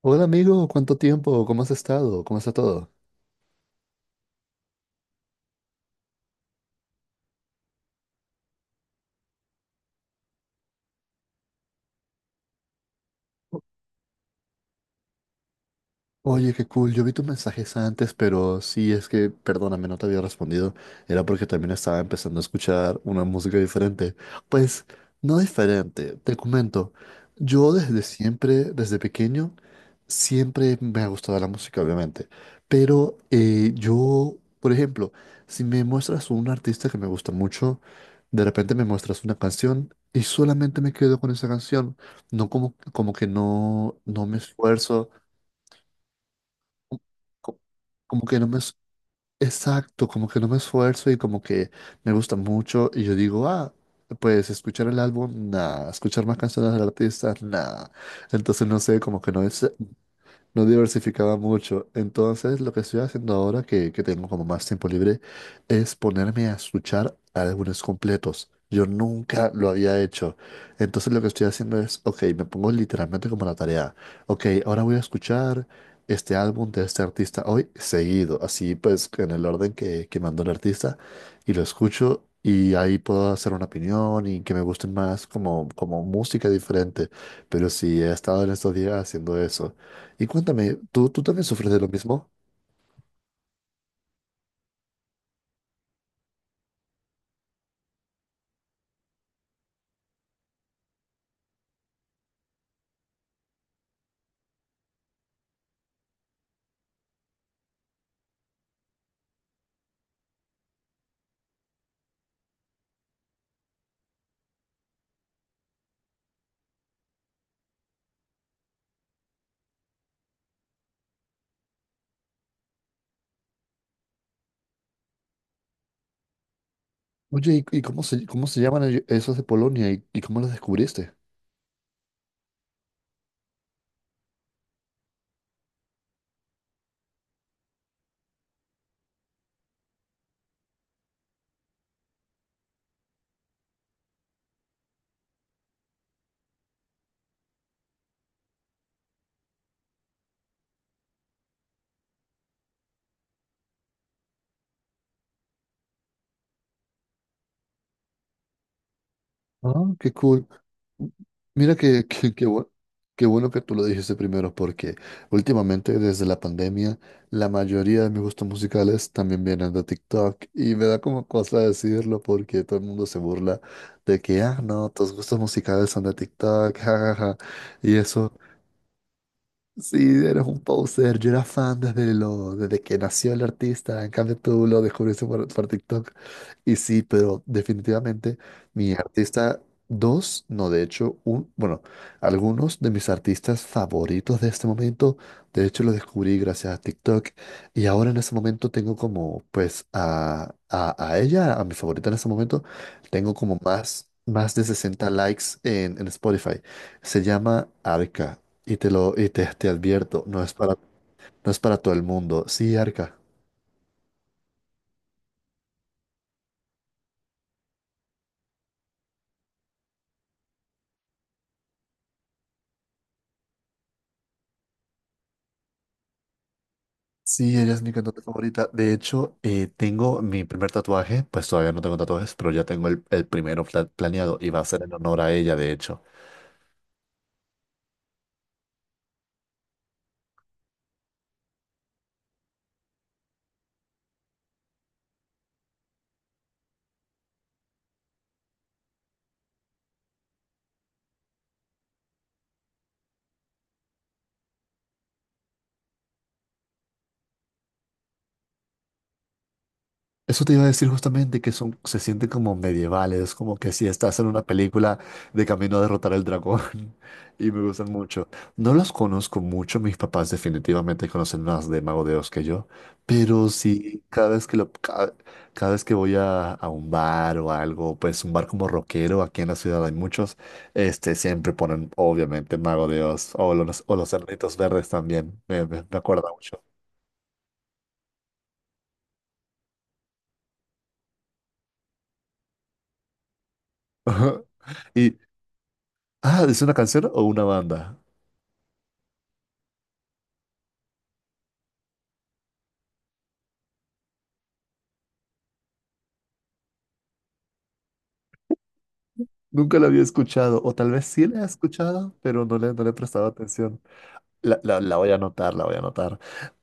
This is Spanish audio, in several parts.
Hola amigo, ¿cuánto tiempo? ¿Cómo has estado? ¿Cómo está todo? Oye, qué cool. Yo vi tus mensajes antes, pero sí, es que, perdóname, no te había respondido. Era porque también estaba empezando a escuchar una música diferente. Pues, no diferente, te comento. Yo desde siempre, desde pequeño, siempre me ha gustado la música, obviamente. Pero yo, por ejemplo, si me muestras un artista que me gusta mucho, de repente me muestras una canción y solamente me quedo con esa canción. No como que no me esfuerzo co- como que no me, exacto, como que no me esfuerzo y como que me gusta mucho y yo digo, ah, pues escuchar el álbum, nada, escuchar más canciones del artista, nada. Entonces no sé, como que no es, no diversificaba mucho. Entonces, lo que estoy haciendo ahora que tengo como más tiempo libre es ponerme a escuchar álbumes completos. Yo nunca lo había hecho. Entonces, lo que estoy haciendo es, ok, me pongo literalmente como la tarea. Ok, ahora voy a escuchar este álbum de este artista hoy seguido, así pues en el orden que mandó el artista y lo escucho. Y ahí puedo hacer una opinión y que me gusten más como, como música diferente. Pero sí, he estado en estos días haciendo eso. Y cuéntame, ¿tú también sufres de lo mismo? Oye, ¿y cómo se llaman esos de Polonia y cómo los descubriste? Ah, qué cool. Mira qué bueno que tú lo dijiste primero, porque últimamente, desde la pandemia, la mayoría de mis gustos musicales también vienen de TikTok y me da como cosa decirlo porque todo el mundo se burla de que, ah, no, tus gustos musicales son de TikTok, jajaja. Y eso. Sí, eres un poser. Yo era fan desde, desde que nació el artista. En cambio, tú lo descubriste por TikTok. Y sí, pero definitivamente mi artista, dos, no, de hecho, un, bueno, algunos de mis artistas favoritos de este momento, de hecho, los descubrí gracias a TikTok. Y ahora en ese momento tengo como, pues, a ella, a mi favorita en ese momento, tengo como más de 60 likes en Spotify. Se llama Arca. Y te lo, y te advierto, no es para todo el mundo. Sí, Arca. Sí, ella es mi cantante favorita. De hecho, tengo mi primer tatuaje, pues todavía no tengo tatuajes, pero ya tengo el primero planeado y va a ser en honor a ella, de hecho. Eso te iba a decir justamente que son, se sienten como medievales, como que si estás en una película de camino a derrotar al dragón. Y me gustan mucho. No los conozco mucho, mis papás definitivamente conocen más de Mago de Oz que yo, pero sí, cada vez que voy a un bar o algo, pues un bar como rockero, aquí en la ciudad hay muchos, este, siempre ponen obviamente Mago de Oz o los Enanitos Verdes también, me acuerda mucho. Y, ah, ¿es una canción o una banda? Nunca la había escuchado, o tal vez sí la he escuchado, pero no le he prestado atención. La voy a anotar, la voy a anotar.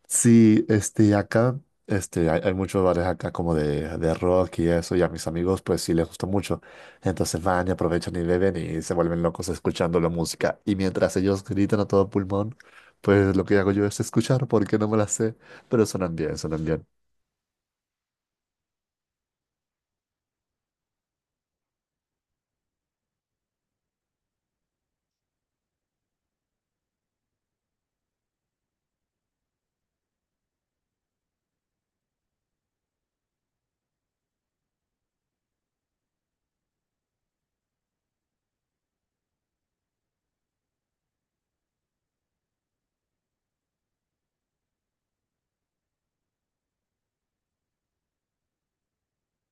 Sí, este, acá, este, hay muchos bares acá como de rock y eso, y a mis amigos pues sí les gusta mucho. Entonces van y aprovechan y beben y se vuelven locos escuchando la música. Y mientras ellos gritan a todo pulmón, pues lo que hago yo es escuchar porque no me la sé, pero suenan bien, suenan bien.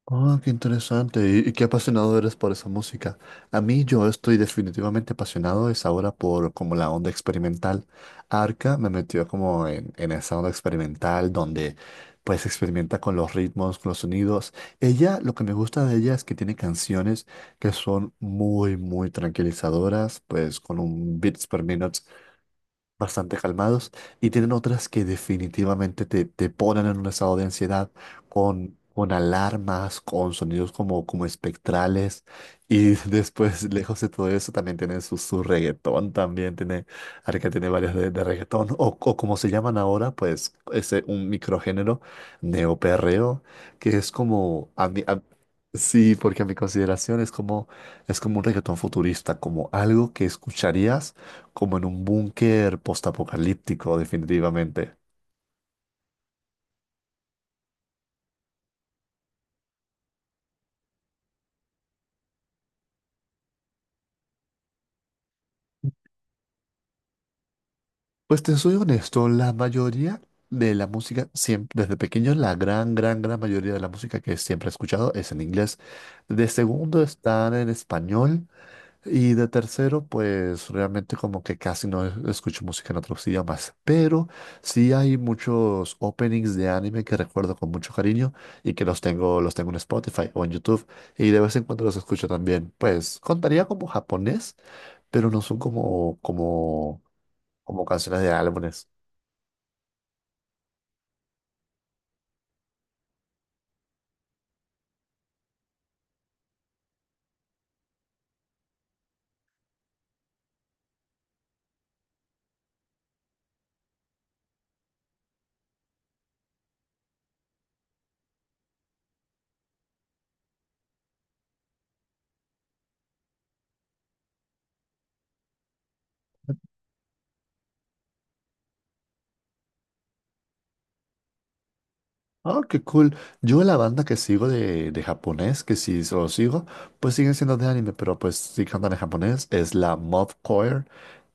Ah, qué interesante y qué apasionado eres por esa música. A mí yo estoy definitivamente apasionado es ahora por como la onda experimental. Arca me metió como en esa onda experimental donde pues experimenta con los ritmos, con los sonidos. Ella, lo que me gusta de ella es que tiene canciones que son muy, muy tranquilizadoras, pues con un beats per minute bastante calmados y tienen otras que definitivamente te ponen en un estado de ansiedad con alarmas, con sonidos como espectrales y después, lejos de todo eso, también tienen su reggaetón, también tiene, Arca tiene varias de reggaetón o como se llaman ahora, pues ese un microgénero neoperreo que es como... Sí, porque a mi consideración es como, un reggaetón futurista, como algo que escucharías como en un búnker postapocalíptico, definitivamente. Pues te soy honesto, la mayoría de la música, siempre, desde pequeño, la gran, gran, gran mayoría de la música que siempre he escuchado es en inglés. De segundo están en español y de tercero, pues realmente como que casi no escucho música en otros idiomas. Pero sí hay muchos openings de anime que recuerdo con mucho cariño y que los tengo en Spotify o en YouTube y de vez en cuando los escucho también. Pues contaría como japonés. Pero no son como canciones de álbumes. Oh, qué cool. Yo la banda que sigo de japonés, que sí lo sigo, pues siguen siendo de anime, pero pues sí cantan en japonés, es la Mob Choir,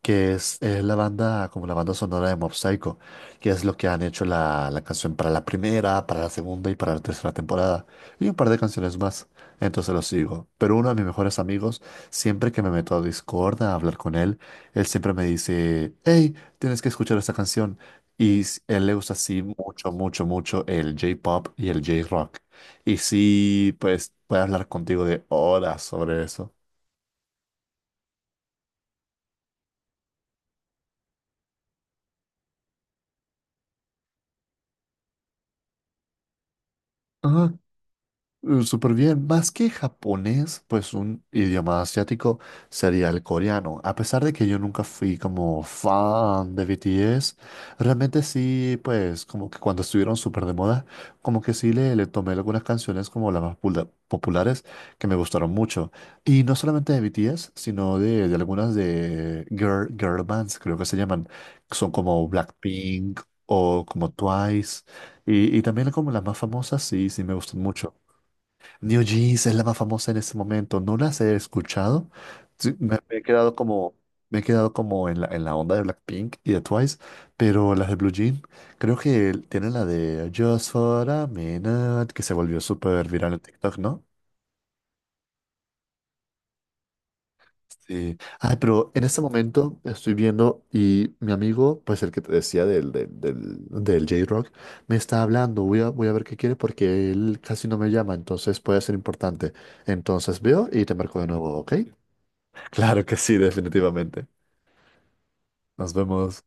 que es la banda, como la banda sonora de Mob Psycho, que es lo que han hecho la canción para la primera, para la segunda y para la tercera temporada, y un par de canciones más. Entonces lo sigo. Pero uno de mis mejores amigos, siempre que me meto a Discord a hablar con él, él siempre me dice, hey, tienes que escuchar esta canción. Y él le gusta así mucho, mucho, mucho el J-pop y el J-rock. Y sí, pues puede hablar contigo de horas sobre eso. Súper bien, más que japonés, pues un idioma asiático sería el coreano. A pesar de que yo nunca fui como fan de BTS, realmente sí, pues como que cuando estuvieron súper de moda, como que sí le tomé algunas canciones como las más populares que me gustaron mucho. Y no solamente de BTS, sino de algunas de girl bands, creo que se llaman, que son como Blackpink o como Twice. Y también como las más famosas, sí, sí me gustan mucho. New Jeans es la más famosa en este momento. No las he escuchado. Sí, me he quedado como, me he quedado como, en la onda de Blackpink y de Twice, pero las de Blue Jean, creo que tienen la de Just for a Minute, que se volvió súper viral en TikTok, ¿no? Sí. Ay, pero en este momento estoy viendo y mi amigo, pues el que te decía del J-Rock, me está hablando. Voy a ver qué quiere porque él casi no me llama, entonces puede ser importante. Entonces veo y te marco de nuevo, ¿ok? Claro que sí, definitivamente. Nos vemos.